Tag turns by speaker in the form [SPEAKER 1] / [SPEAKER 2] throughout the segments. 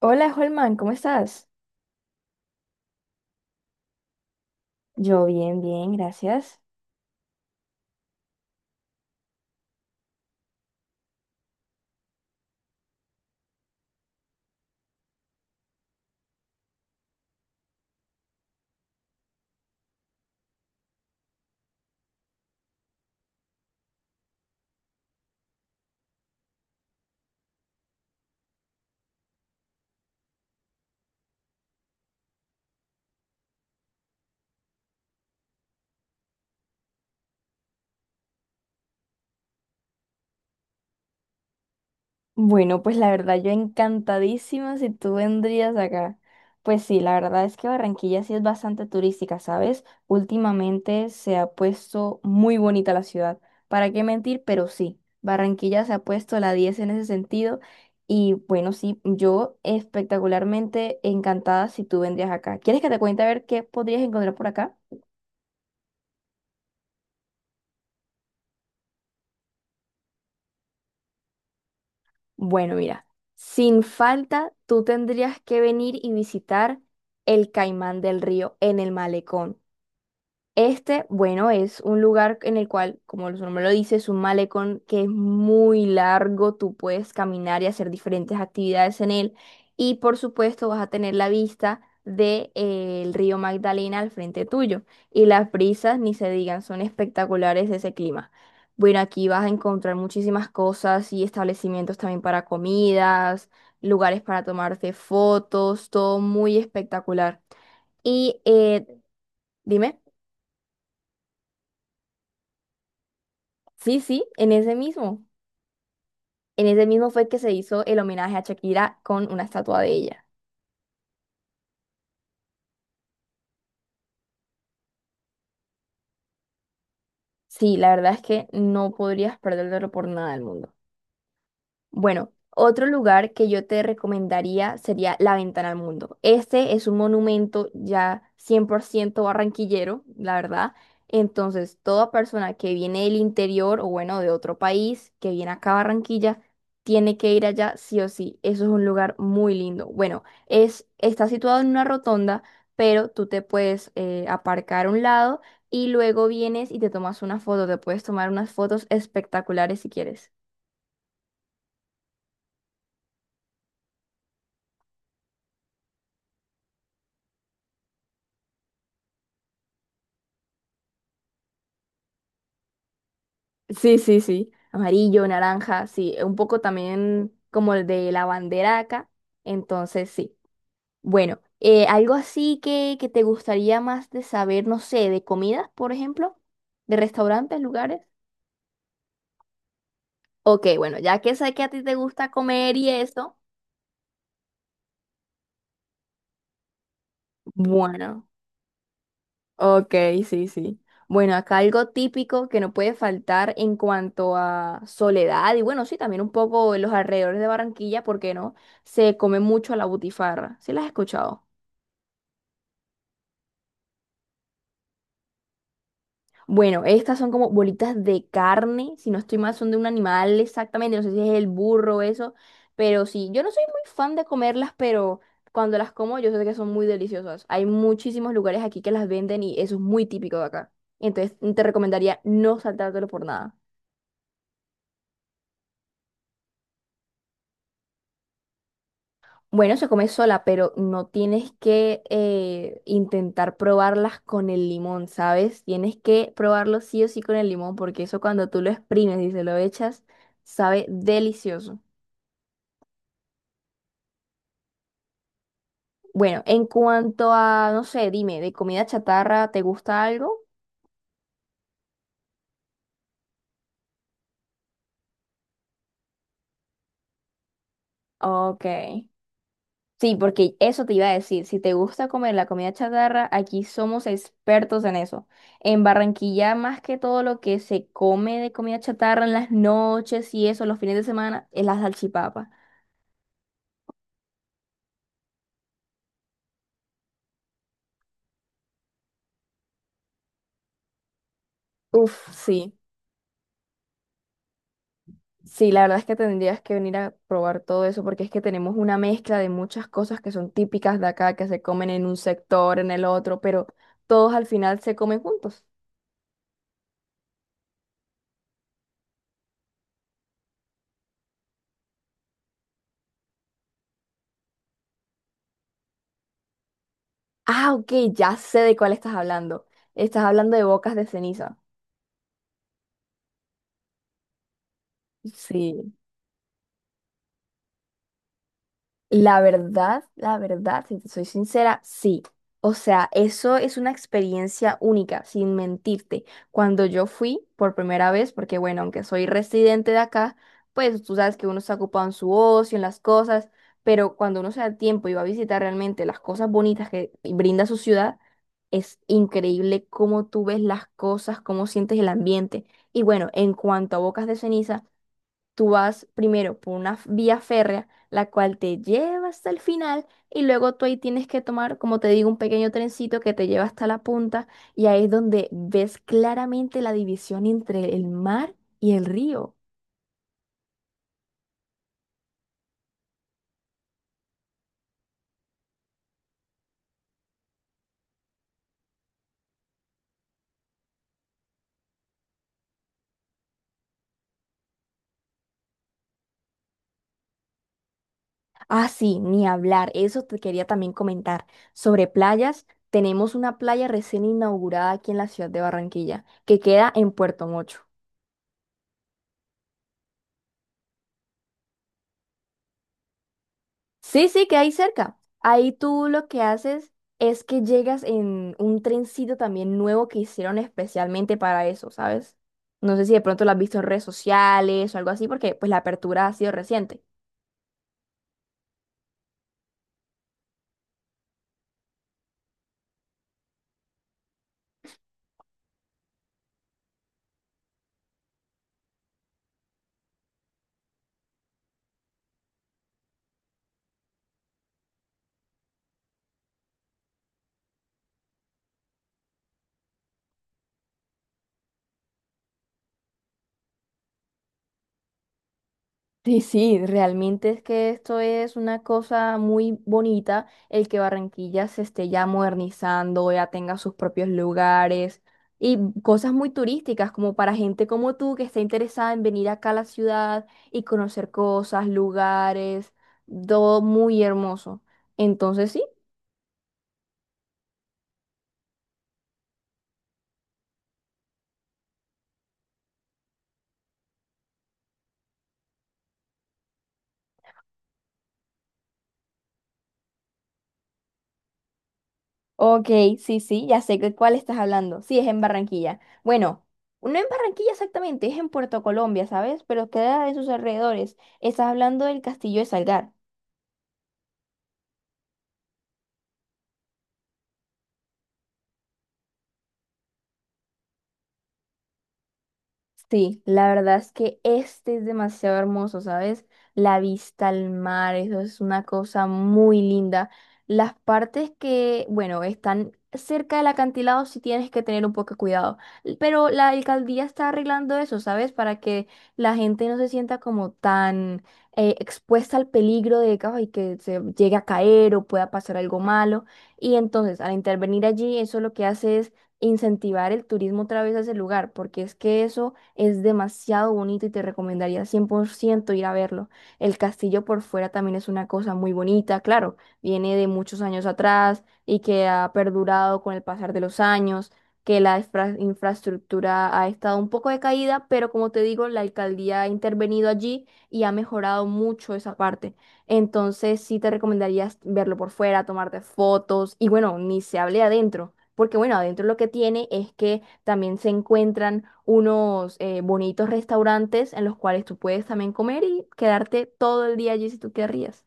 [SPEAKER 1] Hola, Holman, ¿cómo estás? Yo bien, bien, gracias. Bueno, pues la verdad yo encantadísima si tú vendrías acá. Pues sí, la verdad es que Barranquilla sí es bastante turística, ¿sabes? Últimamente se ha puesto muy bonita la ciudad. ¿Para qué mentir? Pero sí, Barranquilla se ha puesto la 10 en ese sentido. Y bueno, sí, yo espectacularmente encantada si tú vendrías acá. ¿Quieres que te cuente a ver qué podrías encontrar por acá? Bueno, mira, sin falta, tú tendrías que venir y visitar el Caimán del Río en el malecón. Este, bueno, es un lugar en el cual, como su nombre lo dice, es un malecón que es muy largo, tú puedes caminar y hacer diferentes actividades en él y por supuesto vas a tener la vista del río Magdalena al frente tuyo y las brisas, ni se digan, son espectaculares de ese clima. Bueno, aquí vas a encontrar muchísimas cosas y establecimientos también para comidas, lugares para tomarte fotos, todo muy espectacular. Y eh, Dime. Sí, sí, en ese mismo. En ese mismo fue que se hizo el homenaje a Shakira con una estatua de ella. Sí, la verdad es que no podrías perdértelo por nada del mundo. Bueno, otro lugar que yo te recomendaría sería La Ventana al Mundo. Este es un monumento ya 100% barranquillero, la verdad. Entonces, toda persona que viene del interior o bueno, de otro país, que viene acá a Barranquilla, tiene que ir allá sí o sí. Eso es un lugar muy lindo. Bueno, es, está situado en una rotonda, pero tú te puedes aparcar a un lado y luego vienes y te tomas una foto. Te puedes tomar unas fotos espectaculares si quieres. Sí, sí, sí. Amarillo, naranja, sí. Un poco también como el de la bandera acá. Entonces, sí. Bueno, algo así que te gustaría más de saber, no sé, de comidas, por ejemplo, de restaurantes, lugares. Ok, bueno, ya que sé que a ti te gusta comer y eso, bueno. Ok, sí, sí. Bueno, acá algo típico que no puede faltar en cuanto a soledad y bueno, sí, también un poco en los alrededores de Barranquilla, ¿por qué no? Se come mucho la butifarra. ¿Sí las has escuchado? Bueno, estas son como bolitas de carne, si no estoy mal, son de un animal exactamente, no sé si es el burro o eso, pero sí, yo no soy muy fan de comerlas, pero cuando las como yo sé que son muy deliciosas. Hay muchísimos lugares aquí que las venden y eso es muy típico de acá. Entonces, te recomendaría no saltártelo por nada. Bueno, se come sola, pero no tienes que intentar probarlas con el limón, ¿sabes? Tienes que probarlo sí o sí con el limón, porque eso cuando tú lo exprimes y se lo echas, sabe delicioso. Bueno, en cuanto a, no sé, dime, ¿de comida chatarra te gusta algo? Ok. Sí, porque eso te iba a decir, si te gusta comer la comida chatarra, aquí somos expertos en eso. En Barranquilla, más que todo lo que se come de comida chatarra en las noches y eso, los fines de semana, es la salchipapa. Uf, sí. Sí, la verdad es que tendrías que venir a probar todo eso porque es que tenemos una mezcla de muchas cosas que son típicas de acá, que se comen en un sector, en el otro, pero todos al final se comen juntos. Ah, ok, ya sé de cuál estás hablando. Estás hablando de bocas de ceniza. Sí. La verdad, si te soy sincera, sí. O sea, eso es una experiencia única, sin mentirte. Cuando yo fui por primera vez, porque bueno, aunque soy residente de acá, pues tú sabes que uno está ocupado en su ocio, en las cosas, pero cuando uno se da tiempo y va a visitar realmente las cosas bonitas que brinda su ciudad, es increíble cómo tú ves las cosas, cómo sientes el ambiente. Y bueno, en cuanto a Bocas de Ceniza, tú vas primero por una vía férrea, la cual te lleva hasta el final y luego tú ahí tienes que tomar, como te digo, un pequeño trencito que te lleva hasta la punta y ahí es donde ves claramente la división entre el mar y el río. Ah, sí, ni hablar, eso te quería también comentar. Sobre playas, tenemos una playa recién inaugurada aquí en la ciudad de Barranquilla, que queda en Puerto Mocho. Sí, sí, que hay cerca. Ahí tú lo que haces es que llegas en un trencito también nuevo que hicieron especialmente para eso, ¿sabes? No sé si de pronto lo has visto en redes sociales o algo así, porque pues la apertura ha sido reciente. Sí, sí, realmente es que esto es una cosa muy bonita, el que Barranquilla se esté ya modernizando, ya tenga sus propios lugares y cosas muy turísticas como para gente como tú que está interesada en venir acá a la ciudad y conocer cosas, lugares, todo muy hermoso. Entonces sí, ok, sí, sí, ya sé de cuál estás hablando. Sí, es en Barranquilla. Bueno, no en Barranquilla exactamente, es en Puerto Colombia, ¿sabes? Pero queda en sus alrededores. Estás hablando del Castillo de Salgar. Sí, la verdad es que este es demasiado hermoso, ¿sabes? La vista al mar, eso es una cosa muy linda. Las partes que, bueno, están cerca del acantilado sí tienes que tener un poco de cuidado, pero la alcaldía está arreglando eso, ¿sabes? Para que la gente no se sienta como tan expuesta al peligro de que, ay, que se llegue a caer o pueda pasar algo malo. Y entonces, al intervenir allí, eso lo que hace es incentivar el turismo otra vez a ese lugar, porque es que eso es demasiado bonito y te recomendaría 100% ir a verlo. El castillo por fuera también es una cosa muy bonita, claro, viene de muchos años atrás y que ha perdurado con el pasar de los años, que la infraestructura ha estado un poco decaída, pero como te digo, la alcaldía ha intervenido allí y ha mejorado mucho esa parte. Entonces sí te recomendaría verlo por fuera, tomarte fotos y bueno, ni se hable adentro, porque bueno, adentro lo que tiene es que también se encuentran unos bonitos restaurantes en los cuales tú puedes también comer y quedarte todo el día allí si tú querrías.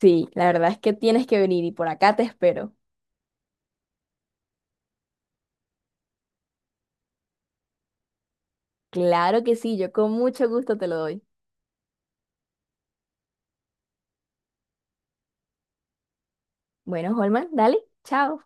[SPEAKER 1] Sí, la verdad es que tienes que venir y por acá te espero. Claro que sí, yo con mucho gusto te lo doy. Bueno, Holman, dale, chao.